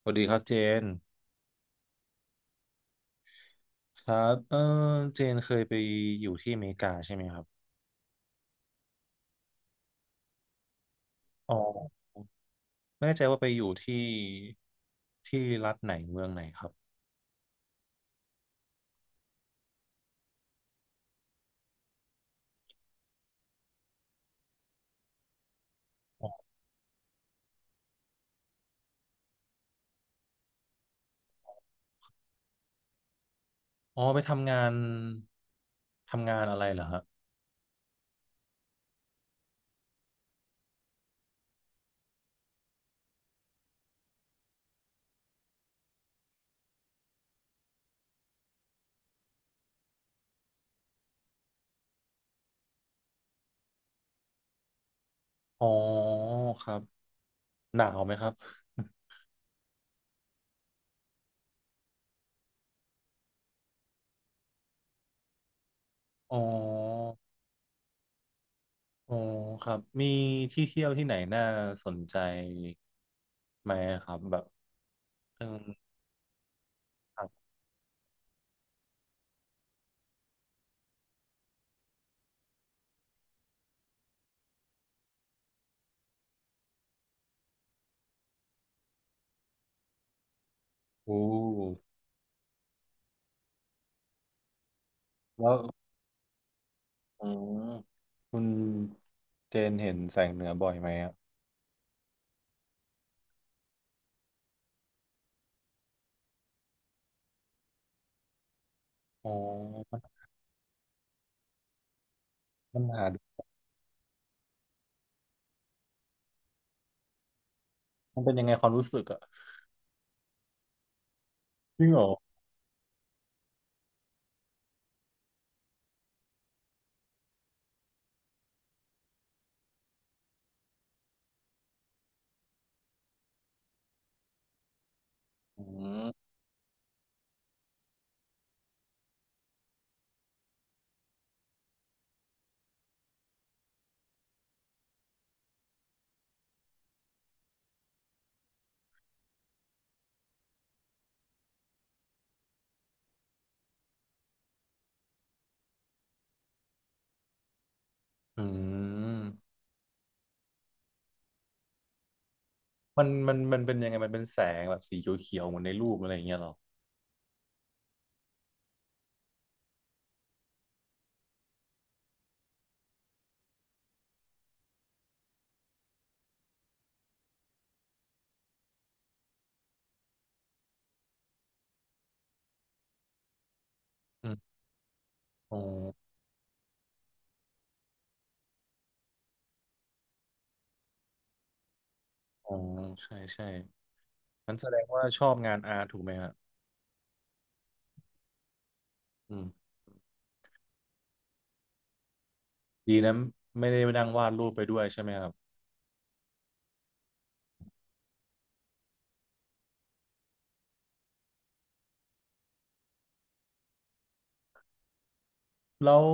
สวัสดีครับเจนครับเจนเคยไปอยู่ที่อเมริกาใช่ไหมครับอ๋อไม่แน่ใจว่าไปอยู่ที่รัฐไหนเมืองไหนครับอ๋ออ๋อไปทำงานทำงานอะไรเหรอฮะอ๋อครับหนาวไหมครับอ๋ออ๋อครับมีที่เที่ยวที่ไหนน่าสนใจไหมครับแบบเออครับโอ้แล้วอืมคุณเจนเห็นแสงเหนือบ่อยไหมอะ อ๋อมันหาดูมันเป็นยังไงความรู้สึกอะจริงเหรออืมอืมมันเป็นยังไงมันเป็นแสงแบบสีเขียวๆเหมือนในรูปอะไรอย่างเงี้ยเหรออืมอ๋ออ๋อใช่ใช่มันแสดงว่าชอบงานอาร์ตถูกไหมครับอืมดีนะไม่ได้นั่งวาดรูปไปด้วยใช่ไหมครับแล้ว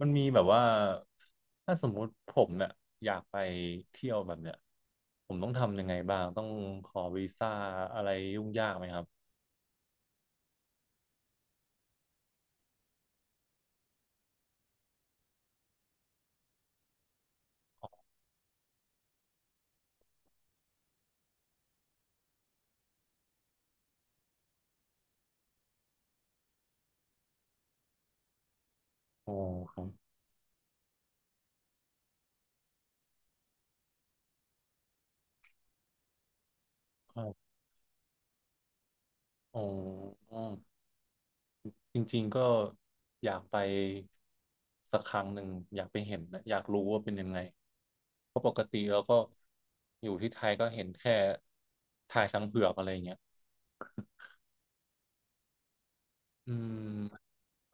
มันมีแบบว่าถ้าสมมุติผมเนี่ยอยากไปเที่ยวแบบเนี้ยผมต้องทำยังไงบ้างต้องขอวีซ่าอะไรยุ่งยากไหมครับโอ้ครับ อ๋อจริงๆก็อยากไปสักครั้งหนึ่งอยากไปเห็นนะอยากรู้ว่าเป็นยังไงเพราะปกติเราก็อยู่ที่ไทยก็เห็นแค่ทายช้างเผือกอะไรอย่างเงี้ยอืม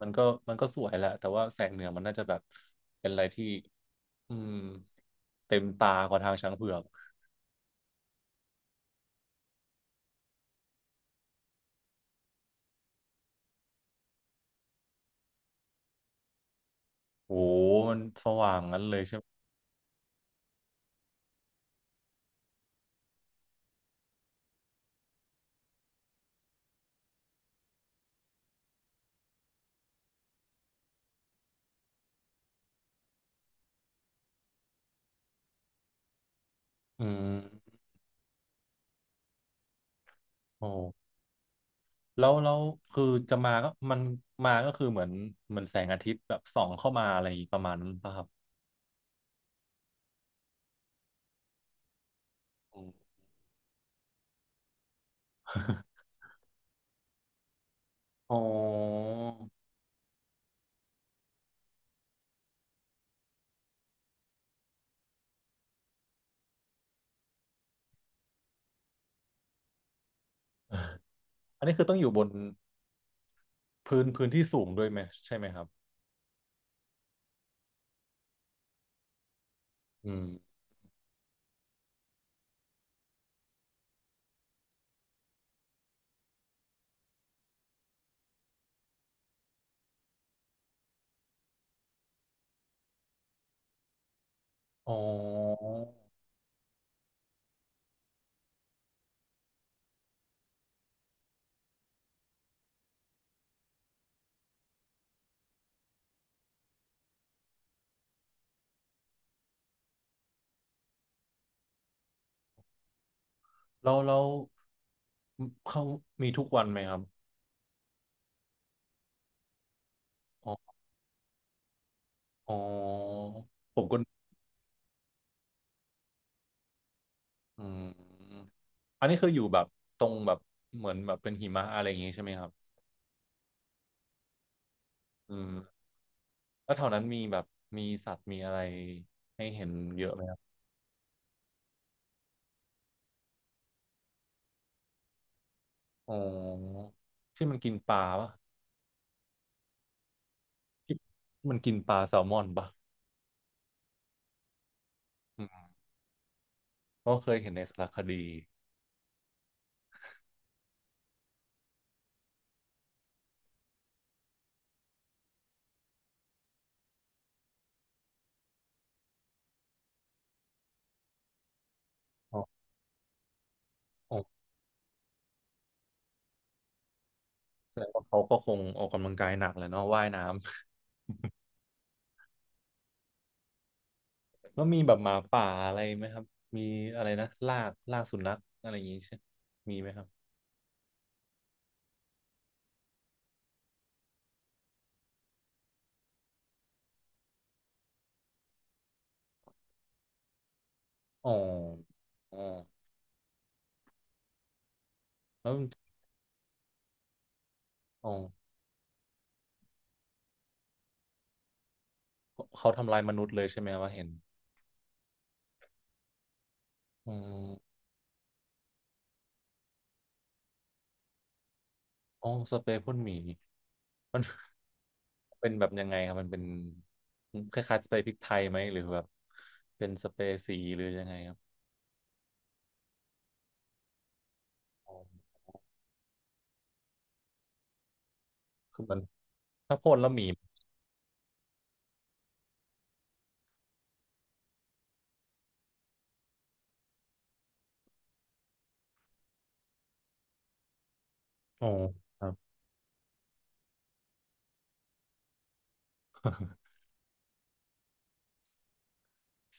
มันก็มันก็สวยแหละแต่ว่าแสงเหนือมันน่าจะแบบเป็นอะไรที่อืมเต็มตากว่าทางช้างเผือกโอ้โหมันสว่างงั้นเลยใช่ไหมอืมโอ้ แล้วแล้วคือจะมาก็มันมาก็คือเหมือนเหมือนแสงอาทิตย์แบบส่องเข้ามาอะไรประมาณนั้นป่ะครับอืม อ๋ออันนี้คือต้องอยู่บนพื้นที่สูงด้วยไหมใช่ไหมครับอืมอ๋อแล้วแล้วเขามีทุกวันไหมครับอ๋ออ๋อผมก็อืมอันนี้คืออยู่แบบตรงแบบเหมือนแบบเป็นหิมะอะไรอย่างงี้ใช่ไหมครับอืมแล้วแถวนั้นมีแบบมีสัตว์มีอะไรให้เห็นเยอะไหม อ๋อที่มันกินปลาปะที่มันกินปลาแซลมอนปะอืมก็เคยเห็นในสารคดีอ๋ออ๋อแสดงว่าเขาก็คงออกกำลังกายหนักแหละเนาะว่ายน้ำแล้วมีแบบหมาป่าอะไรไหมครับมีอะไรนะลากสุนัขอะไรอย่างงี้ใช่มีไหมครับอ๋ออ๋อแล้วอ๋อเขาทำลายมนุษย์เลยใช่ไหมว่าเห็นอืมอ๋อสเปรย์พ่นหมีมัน เป็นแบบยังไงครับมันเป็นคล้ายๆสเปรย์พริกไทยไหมหรือแบบเป็นสเปรย์สีหรือยังไงครับอ๋อคือมันถ้าพ่นแล้วหมีอ๋อครับ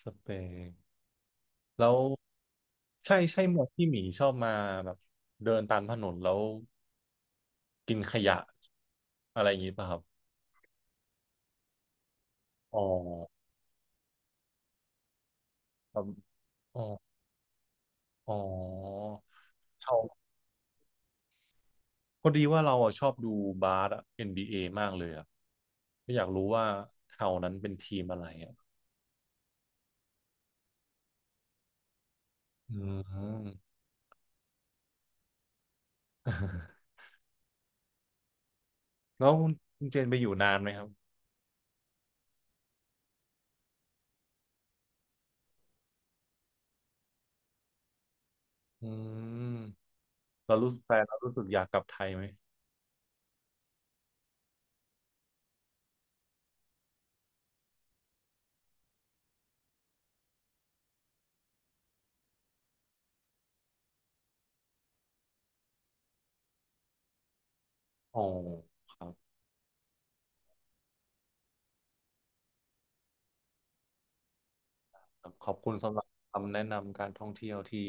สเปรย์แล้วใช่ใช่หมวดที่หมีชอบมาแบบเดินตามถนนแล้วกินขยะอะไรอย่างนี้ป่ะครับอ๋อครับอ๋ออ๋อเราพอดีว่าเราอะชอบดูบาสอะ NBA มากเลยอะก็อยากรู้ว่าเท่านั้นเป็นทีมอะไรอะอืม แล้วคุณเจนไปอยู่นานไหมครับอืมเรารู้แฟนเรารู้สึกอยากกลับไทยไหมโอ้ครับครับขอบคุณสำหรับคำแนะนำการท่องเที่ยวที่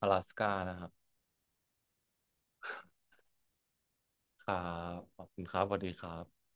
阿拉斯ก้านะครับครับขอบคุณครับสวัสดีครับ